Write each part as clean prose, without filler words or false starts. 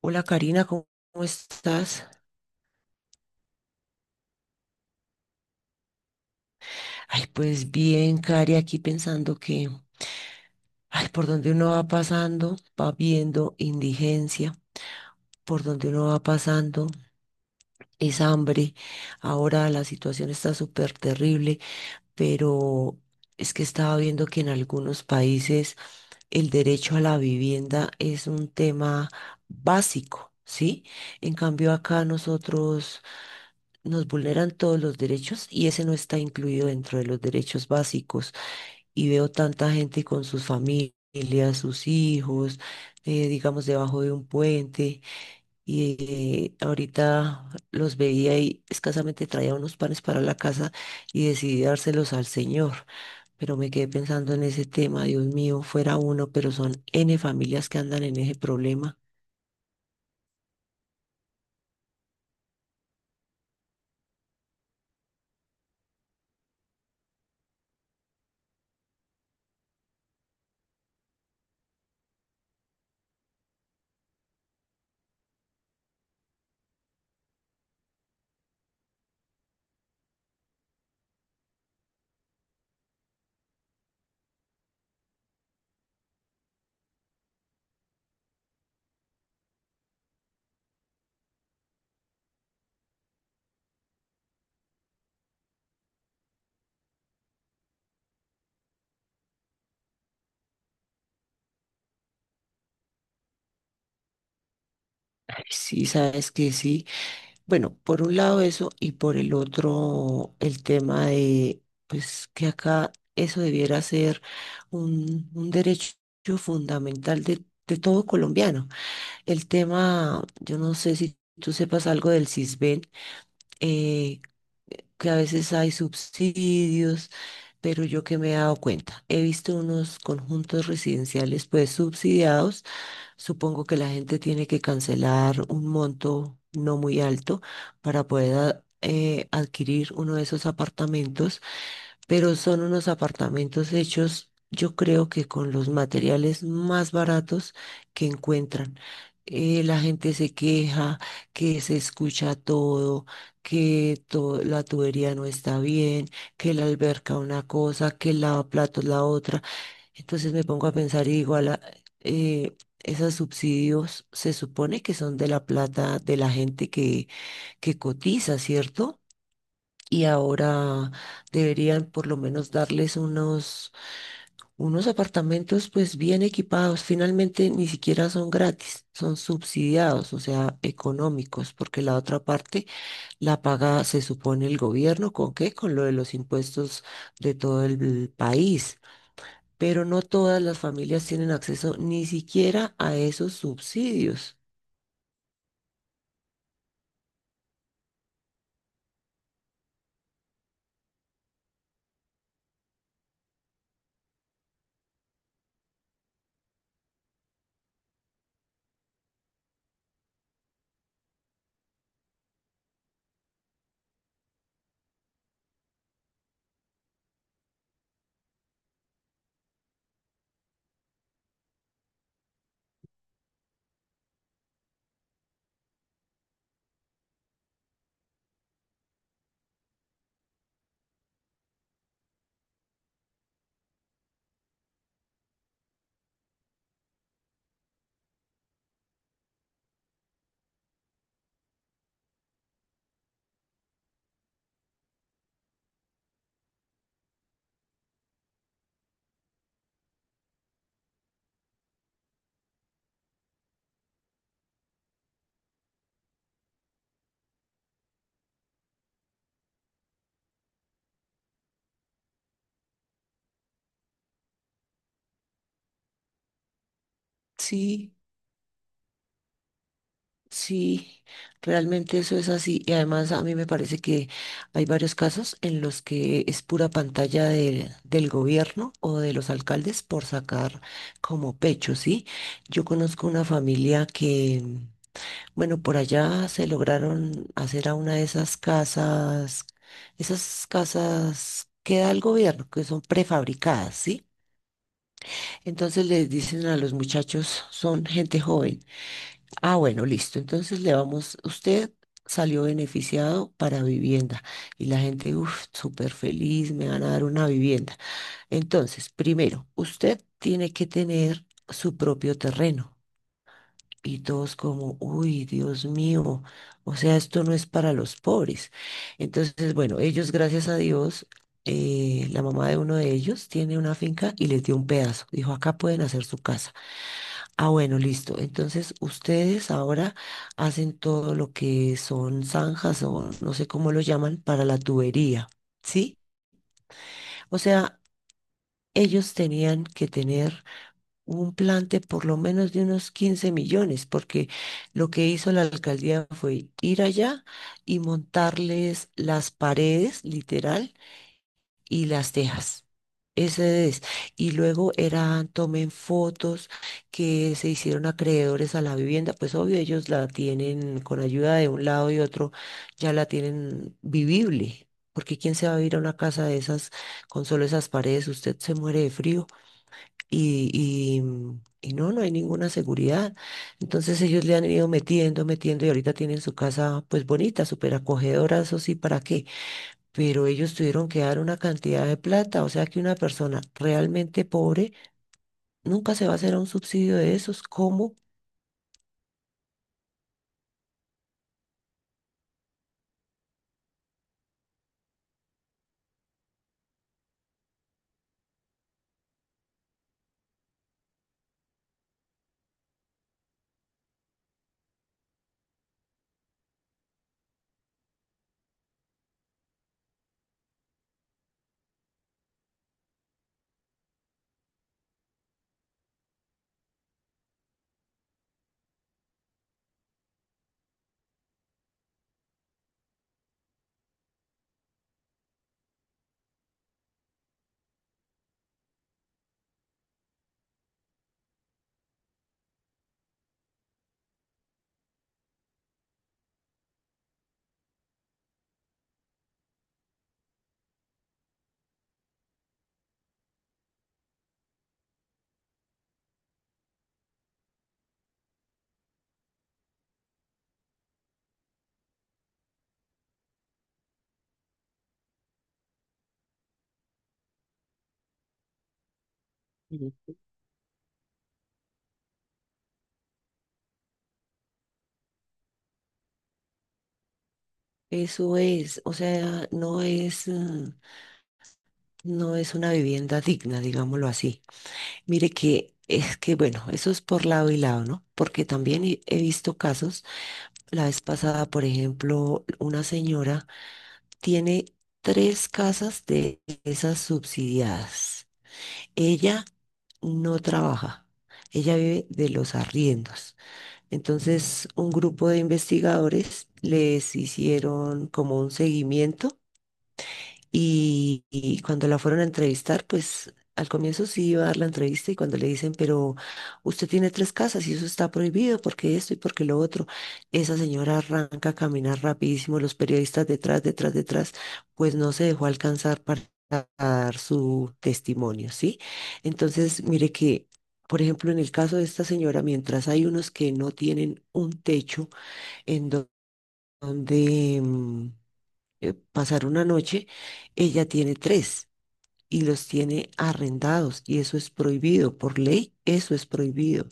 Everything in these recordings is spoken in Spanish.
Hola, Karina, ¿cómo estás? Ay, pues bien, Cari, aquí pensando, por donde uno va pasando, va viendo indigencia, por donde uno va pasando es hambre. Ahora la situación está súper terrible, pero es que estaba viendo que en algunos países el derecho a la vivienda es un tema básico, ¿sí? En cambio, acá nosotros nos vulneran todos los derechos y ese no está incluido dentro de los derechos básicos. Y veo tanta gente con sus familias, sus hijos, digamos, debajo de un puente. Y ahorita los veía y escasamente traía unos panes para la casa y decidí dárselos al Señor. Pero me quedé pensando en ese tema. Dios mío, fuera uno, pero son N familias que andan en ese problema. Ay, sí, sabes que sí. Bueno, por un lado eso y por el otro el tema de, pues, que acá eso debiera ser un derecho fundamental de todo colombiano. El tema, yo no sé si tú sepas algo del CISBEN, eh, que a veces hay subsidios, pero yo, que me he dado cuenta, he visto unos conjuntos residenciales pues subsidiados. Supongo que la gente tiene que cancelar un monto no muy alto para poder adquirir uno de esos apartamentos, pero son unos apartamentos hechos, yo creo, que con los materiales más baratos que encuentran. La gente se queja, que se escucha todo, la tubería no está bien, que la alberca una cosa, que el lavaplatos la otra. Entonces me pongo a pensar y digo, eh, esos subsidios se supone que son de la plata de la gente que cotiza, ¿cierto? Y ahora deberían por lo menos darles unos, unos apartamentos pues bien equipados. Finalmente ni siquiera son gratis, son subsidiados, o sea, económicos, porque la otra parte la paga, se supone, el gobierno. ¿Con qué? Con lo de los impuestos de todo el país, pero no todas las familias tienen acceso ni siquiera a esos subsidios. Sí, sí, realmente eso es así. Y además, a mí me parece que hay varios casos en los que es pura pantalla del gobierno o de los alcaldes por sacar como pecho, ¿sí? Yo conozco una familia que, bueno, por allá se lograron hacer a una de esas casas que da el gobierno, que son prefabricadas, ¿sí? Entonces les dicen a los muchachos, son gente joven. Ah, bueno, listo. Entonces le vamos, usted salió beneficiado para vivienda. Y la gente, uff, súper feliz, me van a dar una vivienda. Entonces, primero, usted tiene que tener su propio terreno. Y todos como, uy, Dios mío, o sea, esto no es para los pobres. Entonces, bueno, ellos, gracias a Dios, la mamá de uno de ellos tiene una finca y les dio un pedazo. Dijo, acá pueden hacer su casa. Ah, bueno, listo. Entonces, ustedes ahora hacen todo lo que son zanjas, o no sé cómo lo llaman, para la tubería, ¿sí? O sea, ellos tenían que tener un plante por lo menos de unos 15 millones, porque lo que hizo la alcaldía fue ir allá y montarles las paredes, literal, y las dejas. Ese es. Y luego eran, tomen fotos que se hicieron acreedores a la vivienda. Pues obvio, ellos la tienen con ayuda de un lado y otro, ya la tienen vivible. Porque quién se va a ir a una casa de esas con solo esas paredes, usted se muere de frío y, y no, no hay ninguna seguridad. Entonces ellos le han ido metiendo, metiendo, y ahorita tienen su casa pues bonita, súper acogedora, eso sí, ¿para qué? Pero ellos tuvieron que dar una cantidad de plata, o sea que una persona realmente pobre nunca se va a hacer a un subsidio de esos. ¿Cómo? Ujú. Eso es, o sea, no es, mm, no es una vivienda digna, digámoslo así. Mire que es que, bueno, eso es por lado y lado, ¿no? Porque también he visto casos. La vez pasada, por ejemplo, una señora tiene tres casas de esas subsidiadas. Ella no trabaja, ella vive de los arriendos. Entonces, un grupo de investigadores les hicieron como un seguimiento y cuando la fueron a entrevistar, pues al comienzo sí iba a dar la entrevista, y cuando le dicen, pero usted tiene tres casas y eso está prohibido porque esto y porque lo otro, esa señora arranca a caminar rapidísimo, los periodistas detrás, detrás, detrás, pues no se dejó alcanzar para dar su testimonio, ¿sí? Entonces, mire que... Por ejemplo, en el caso de esta señora, mientras hay unos que no tienen un techo en do- donde mm, pasar una noche, ella tiene tres y los tiene arrendados, y eso es prohibido por ley, eso es prohibido.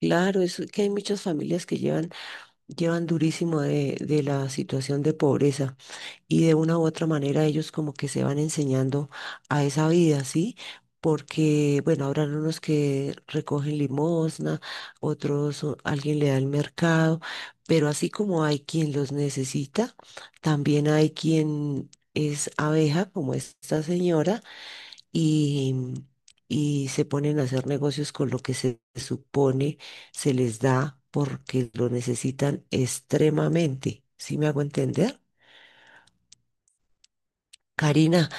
Claro, es que hay muchas familias que llevan, llevan durísimo de la situación de pobreza, y de una u otra manera ellos como que se van enseñando a esa vida, ¿sí? Porque, bueno, habrán unos que recogen limosna, otros alguien le da el mercado, pero así como hay quien los necesita, también hay quien es abeja, como esta señora, y, y se ponen a hacer negocios con lo que se supone se les da porque lo necesitan extremadamente. ¿Sí me hago entender? Karina,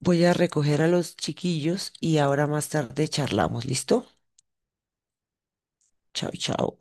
voy a recoger a los chiquillos y ahora más tarde charlamos, ¿listo? Chao, chao.